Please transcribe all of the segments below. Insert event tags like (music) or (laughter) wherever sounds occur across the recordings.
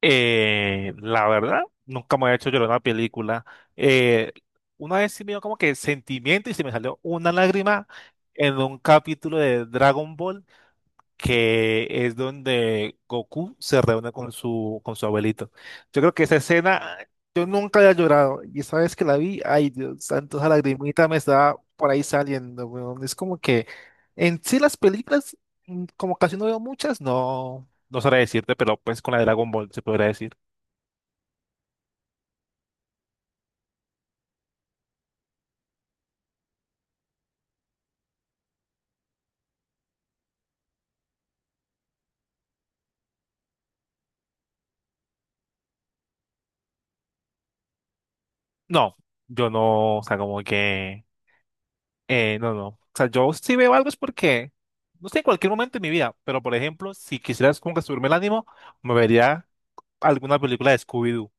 La verdad, nunca me había hecho llorar una película. Eh, una vez sí me dio como que sentimiento y se me salió una lágrima en un capítulo de Dragon Ball que es donde Goku se reúne con su abuelito. Yo creo que esa escena yo nunca había llorado y esa vez que la vi, ay Dios santo, esa lagrimita me estaba por ahí saliendo, weón. Es como que en sí las películas, como casi no veo muchas, no, no sabré decirte, pero pues con la de Dragon Ball se podría decir. No, yo no, o sea, como que, no, no. O sea, yo si veo algo es porque, no sé, en cualquier momento de mi vida, pero por ejemplo, si quisieras como que subirme el ánimo, me vería alguna película de Scooby-Doo.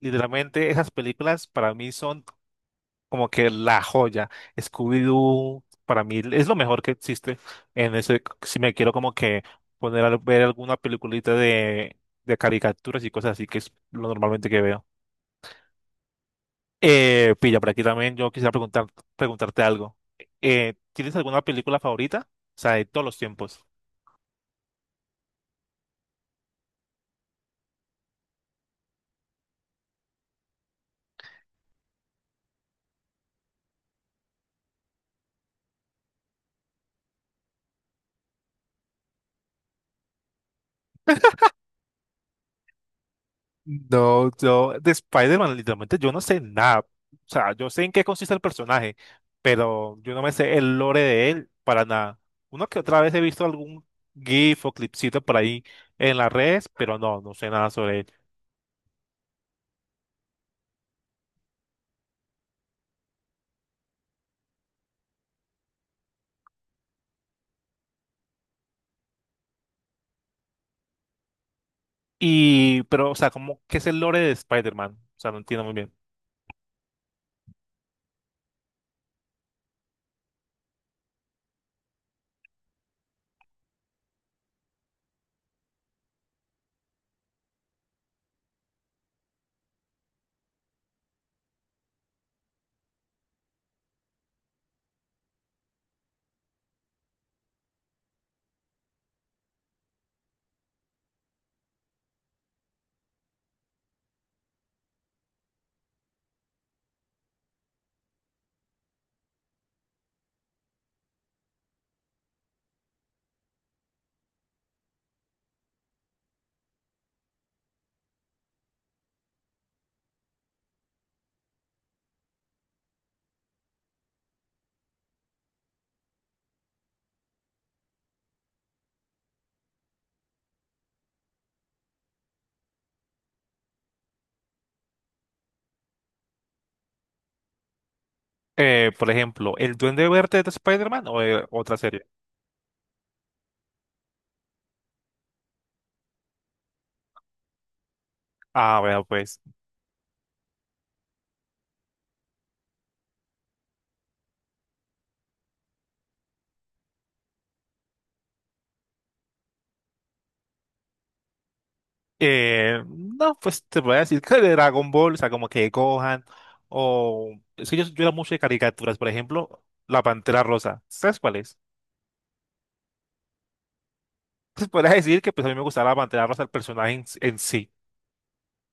Literalmente, esas películas para mí son como que la joya. Scooby-Doo para mí es lo mejor que existe en ese, si me quiero como que poner a ver alguna peliculita de caricaturas y cosas así, que es lo normalmente que veo. Pilla, por aquí también yo quisiera preguntarte algo. ¿Tienes alguna película favorita? O sea, de todos los tiempos. No, yo de Spider-Man literalmente yo no sé nada. O sea, yo sé en qué consiste el personaje, pero yo no me sé el lore de él para nada. Uno que otra vez he visto algún GIF o clipcito por ahí en las redes, pero no, no sé nada sobre él. Y, pero, o sea, como, ¿qué es el lore de Spider-Man? O sea, no entiendo muy bien. Por ejemplo, ¿el Duende Verde de Spider-Man o de otra serie? Ah, bueno, pues. No, pues te voy a decir que de Dragon Ball, o sea, como que Gohan, o. Es que yo era mucho de caricaturas, por ejemplo, La Pantera Rosa. ¿Sabes cuál es? (laughs) Pues podrías decir que pues, a mí me gustaba La Pantera Rosa, el personaje en sí.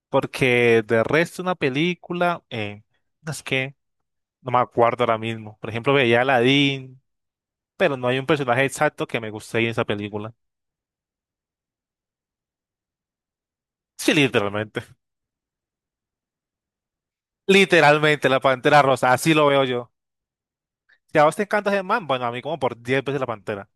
Porque de resto, una película, no, es que no me acuerdo ahora mismo. Por ejemplo, veía a Aladdin, pero no hay un personaje exacto que me guste ahí en esa película. Sí, literalmente. (laughs) Literalmente, La Pantera Rosa, así lo veo yo. Si a vos te encanta ese man, bueno, a mí como por 10 veces la Pantera.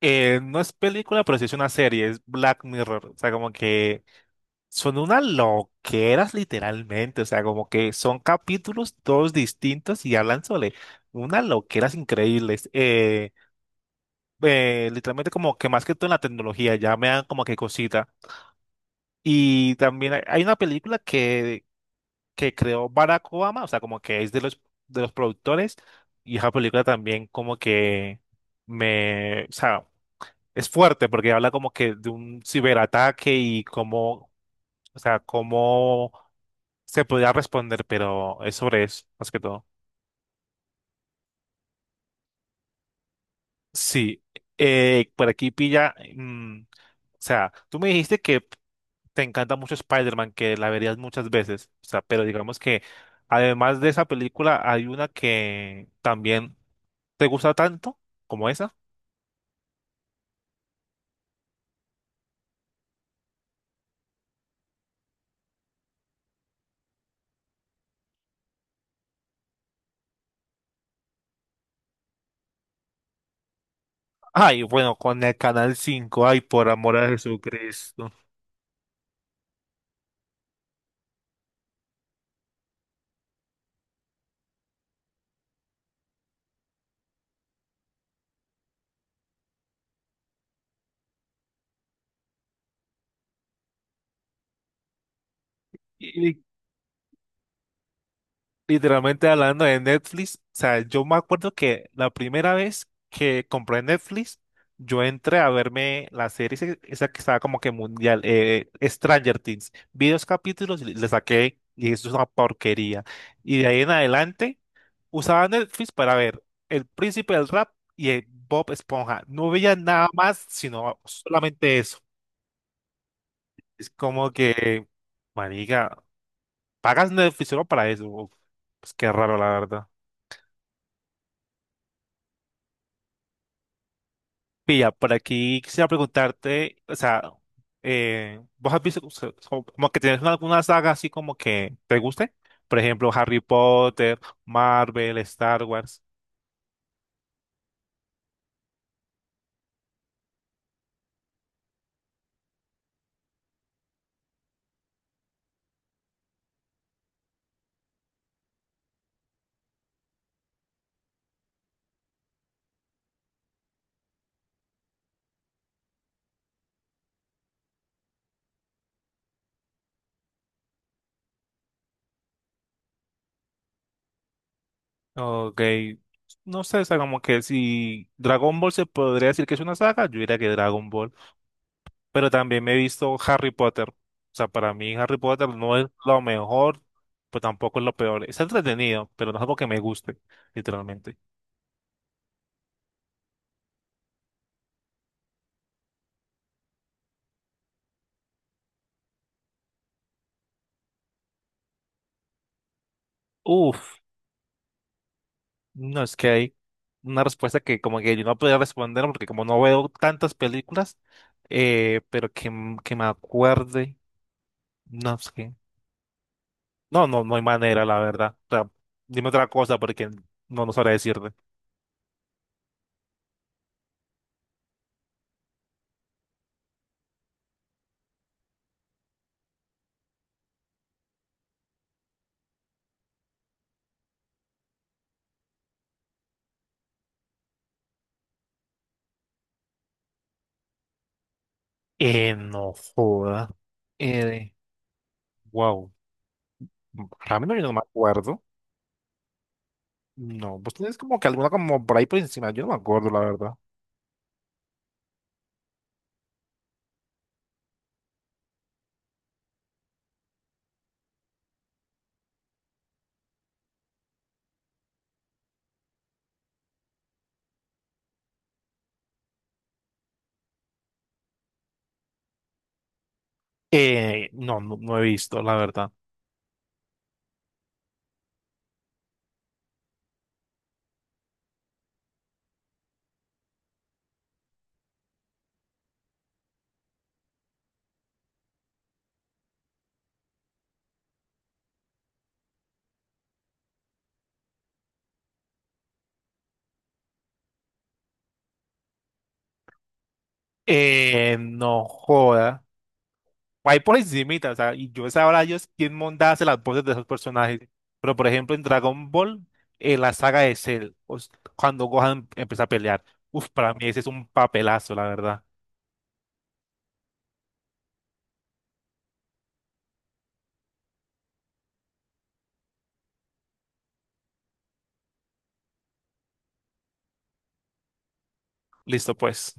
No es película, pero sí es una serie, es Black Mirror. O sea, como que son unas loqueras literalmente. O sea, como que son capítulos todos distintos y hablan sobre unas loqueras increíbles. Literalmente como que más que todo en la tecnología, ya me dan como que cosita. Y también hay una película que creó Barack Obama, o sea, como que es de de los productores, y esa película también como que me, o sea, es fuerte porque habla como que de un ciberataque y cómo, o sea, cómo se podría responder, pero es sobre eso, más que todo. Sí, por aquí pilla, o sea, tú me dijiste que te encanta mucho Spider-Man, que la verías muchas veces. O sea, pero digamos que además de esa película, hay una que también te gusta tanto como esa. Ay, bueno, con el Canal 5, ay, por amor a Jesucristo. Y literalmente hablando de Netflix, o sea, yo me acuerdo que la primera vez que compré Netflix, yo entré a verme la serie esa que estaba como que mundial, Stranger Things. Vi dos capítulos y le saqué, y eso es una porquería. Y de ahí en adelante usaba Netflix para ver El Príncipe del Rap y el Bob Esponja. No veía nada más, sino solamente eso. Es como que, marica, pagas Netflix solo para eso. Uf, pues qué raro, la verdad. Pilla, por aquí quisiera preguntarte, o sea, ¿vos has visto o sea, como, como que tienes alguna saga así como que te guste? Por ejemplo, Harry Potter, Marvel, Star Wars. Ok, no sé, o sea, como que si Dragon Ball se podría decir que es una saga, yo diría que Dragon Ball. Pero también me he visto Harry Potter. O sea, para mí Harry Potter no es lo mejor, pero tampoco es lo peor. Está entretenido, pero no es algo que me guste, literalmente. Uf, no es que hay una respuesta que como que yo no podía responder porque como no veo tantas películas, pero que, que me acuerde, no es que, no, no, no hay manera, la verdad. O sea, dime otra cosa porque no, no sabré decirte. No joda. Eh, wow. Para mí no, yo no me acuerdo. No, pues tienes como que alguna como por ahí por encima. Yo no me acuerdo, la verdad. No, no, no he visto, la verdad. No joda. Ahí por encimita, o sea, y yo sabrá Dios quién monta hace las voces de esos personajes. Pero por ejemplo, en Dragon Ball, la saga de Cell, cuando Gohan empieza a pelear, uf, para mí ese es un papelazo, la verdad. Listo, pues.